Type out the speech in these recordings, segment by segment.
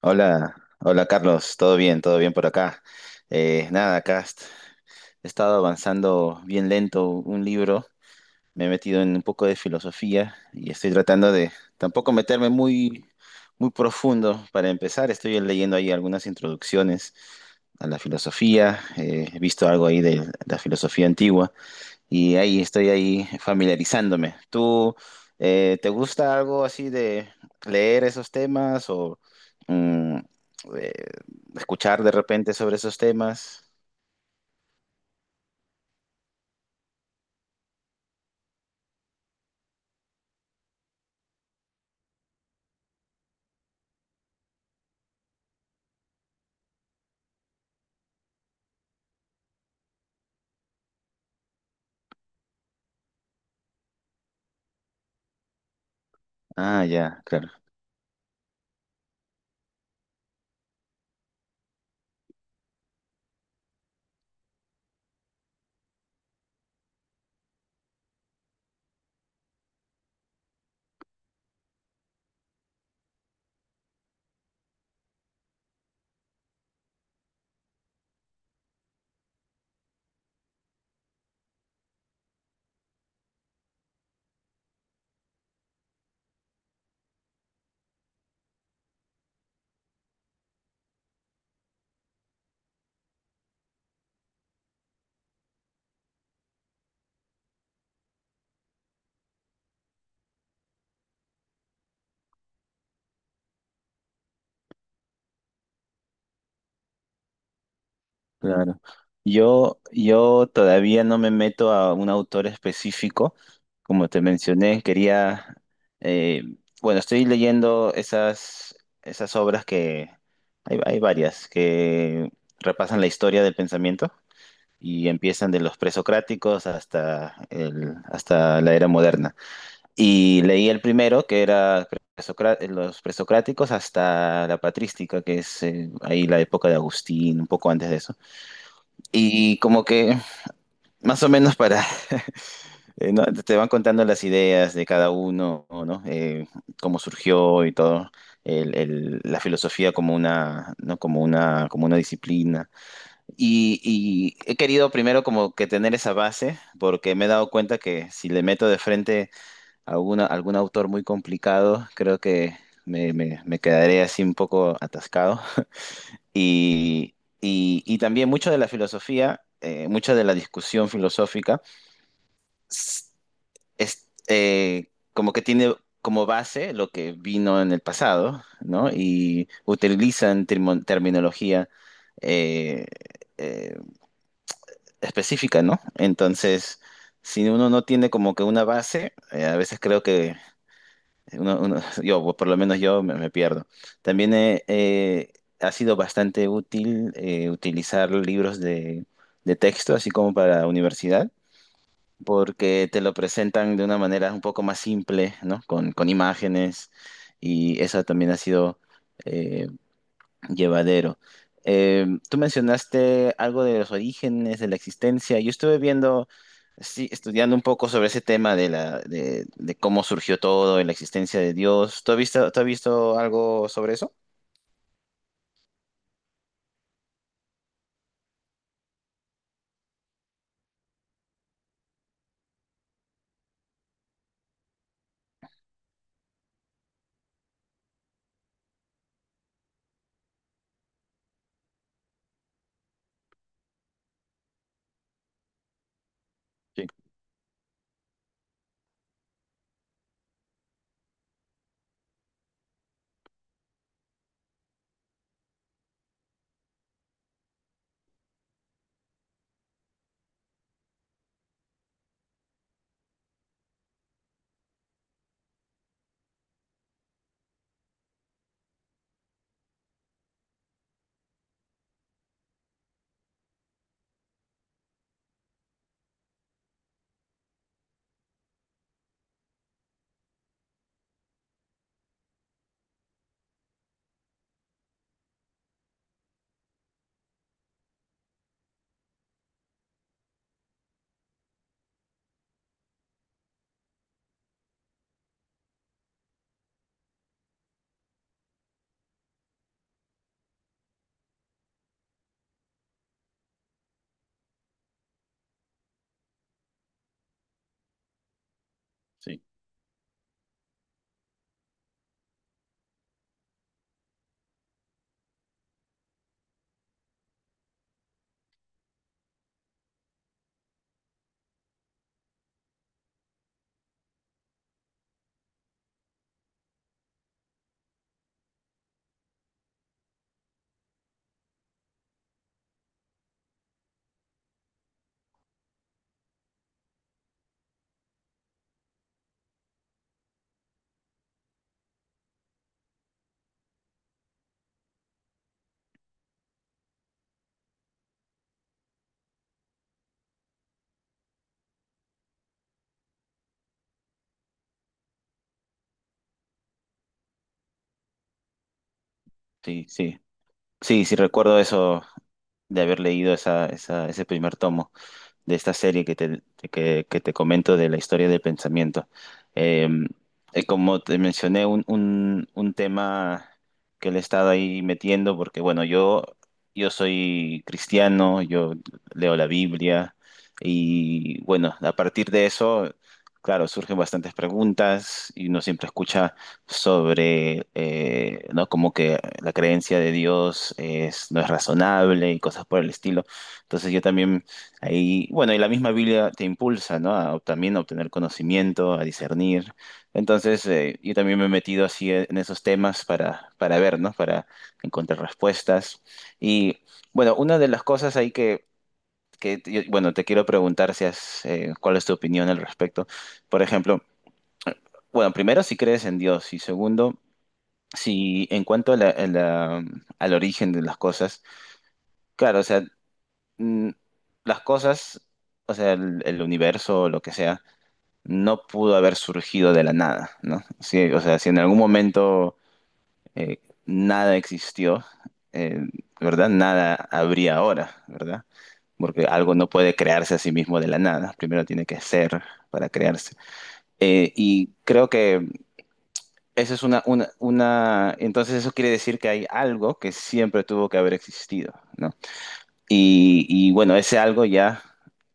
Hola, hola Carlos, todo bien por acá. Nada, acá he estado avanzando bien lento un libro. Me he metido en un poco de filosofía y estoy tratando de tampoco meterme muy profundo. Para empezar, estoy leyendo ahí algunas introducciones a la filosofía. He visto algo ahí de la filosofía antigua. Y ahí estoy ahí familiarizándome. ¿Tú te gusta algo así de leer esos temas o mm, eh, escuchar de repente sobre esos temas? Ah, ya, claro, claro. Yo todavía no me meto a un autor específico. Como te mencioné, eh, bueno, estoy leyendo esas obras que... Hay varias que repasan la historia del pensamiento. Y empiezan de los presocráticos hasta la era moderna. Y leí el primero, que era los presocráticos hasta la patrística, que es ahí la época de Agustín, un poco antes de eso. Y como que más o menos para... ¿no? Te van contando las ideas de cada uno, ¿no? Cómo surgió y todo. La filosofía como una, ¿no? Como una disciplina. Y he querido primero como que tener esa base, porque me he dado cuenta que si le meto de frente a algún autor muy complicado, creo que me quedaré así un poco atascado. Y, y también mucho de la filosofía, mucha de la discusión filosófica, s- es, como que tiene como base lo que vino en el pasado, ¿no? Y utilizan terminología eh, eh, específica, ¿no? Entonces, si uno no tiene como que una base, a veces creo que yo, o por lo menos yo, me pierdo. También ha sido bastante útil utilizar libros de texto, así como para la universidad, porque te lo presentan de una manera un poco más simple, ¿no? Con imágenes, y eso también ha sido... eh, llevadero. Tú mencionaste algo de los orígenes, de la existencia. Yo estuve viendo, sí, estudiando un poco sobre ese tema de de cómo surgió todo, y la existencia de Dios. Tú has visto algo sobre eso? Sí, sí. Sí, sí. Sí, sí recuerdo eso de haber leído ese primer tomo de esta serie que te comento de la historia del pensamiento. Eh, Como te mencioné, un tema que le he estado ahí metiendo, porque bueno, yo soy cristiano, yo leo la Biblia y bueno, a partir de eso, claro, surgen bastantes preguntas y uno siempre escucha sobre, ¿no? Como que la creencia de Dios es, no es razonable y cosas por el estilo. Entonces yo también ahí, bueno, y la misma Biblia te impulsa, ¿no? A, también a obtener conocimiento, a discernir. Entonces, yo también me he metido así en esos temas para ver, ¿no? Para encontrar respuestas. Y bueno, una de las cosas ahí bueno, te quiero preguntar si has, cuál es tu opinión al respecto. Por ejemplo, bueno, primero, si crees en Dios y segundo, si en cuanto a al origen de las cosas, claro, o sea, mm, las cosas, o sea, el universo, lo que sea, no pudo haber surgido de la nada, ¿no? Sí, o sea, si en algún momento nada existió, eh, ¿verdad? Nada habría ahora, ¿verdad? Porque algo no puede crearse a sí mismo de la nada, primero tiene que ser para crearse. Y creo que eso es entonces eso quiere decir que hay algo que siempre tuvo que haber existido, ¿no? Y bueno, ese algo ya,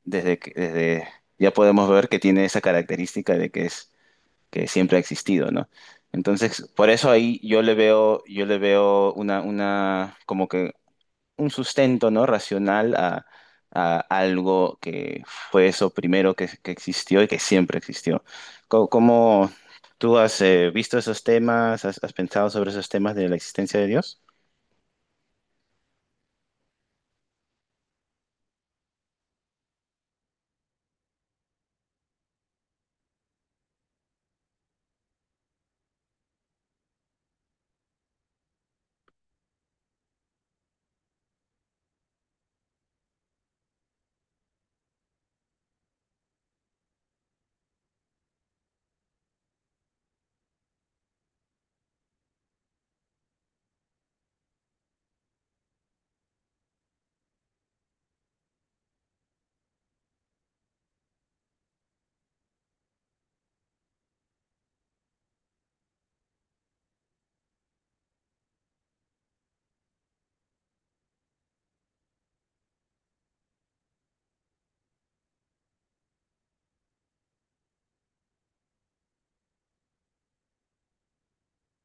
desde... ya podemos ver que tiene esa característica de que es, que siempre ha existido, ¿no? Entonces, por eso ahí yo le veo como que un sustento, ¿no? Racional a algo que fue eso primero que existió y que siempre existió. ¿Cómo, tú has visto esos temas? ¿Has, has pensado sobre esos temas de la existencia de Dios?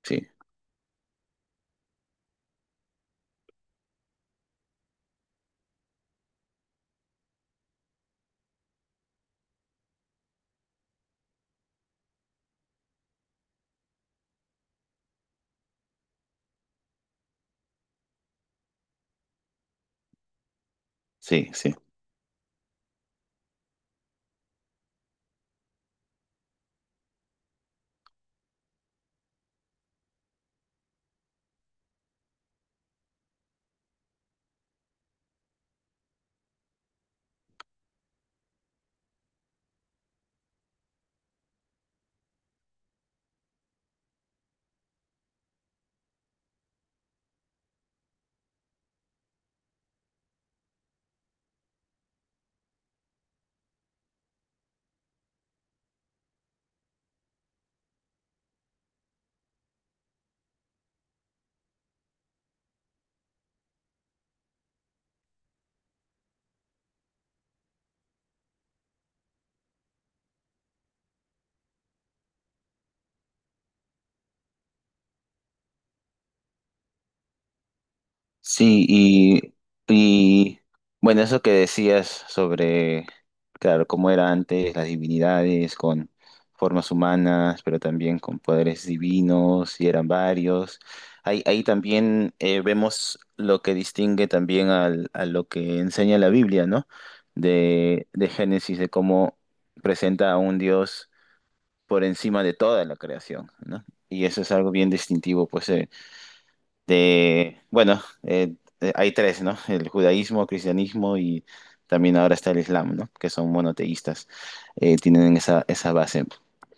Sí, sí, sí. Sí, y bueno, eso que decías sobre, claro, cómo era antes las divinidades con formas humanas, pero también con poderes divinos, y eran varios. Ahí, ahí también vemos lo que distingue también a lo que enseña la Biblia, ¿no? De Génesis, de cómo presenta a un Dios por encima de toda la creación, ¿no? Y eso es algo bien distintivo, pues, de, bueno, eh, hay tres, ¿no? El judaísmo, cristianismo y también ahora está el islam, ¿no? Que son monoteístas, tienen esa base.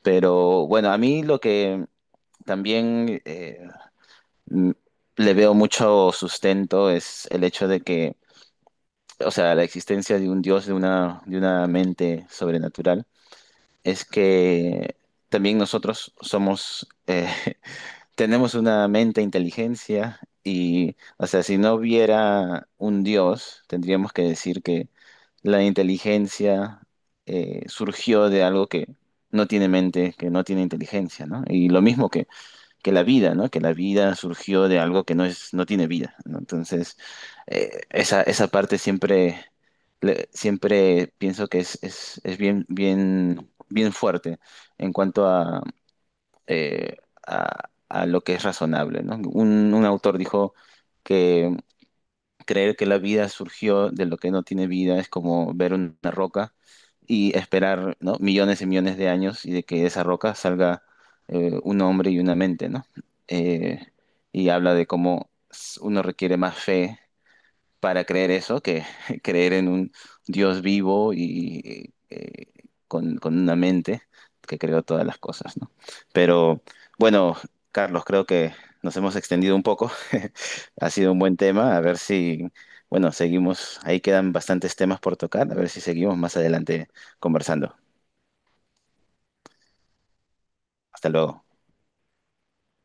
Pero bueno, a mí lo que también m- le veo mucho sustento es el hecho de que, o sea, la existencia de un Dios, de de una mente sobrenatural, es que también nosotros somos... tenemos una mente, e inteligencia, y, o sea, si no hubiera un Dios, tendríamos que decir que la inteligencia surgió de algo que no tiene mente, que no tiene inteligencia, ¿no? Y lo mismo que la vida, ¿no? Que la vida surgió de algo que no es, no tiene vida, ¿no? Entonces, esa, esa parte siempre, siempre pienso que es bien, bien, bien fuerte en cuanto a eh, a lo que es razonable, ¿no? Un autor dijo que creer que la vida surgió de lo que no tiene vida es como ver una roca y esperar, ¿no? Millones y millones de años y de que de esa roca salga un hombre y una mente, ¿no? Eh, y habla de cómo uno requiere más fe para creer eso, que creer en un Dios vivo y con una mente que creó todas las cosas, ¿no? Pero bueno, Carlos, creo que nos hemos extendido un poco. Ha sido un buen tema. A ver si, bueno, seguimos. Ahí quedan bastantes temas por tocar. A ver si seguimos más adelante conversando. Hasta luego.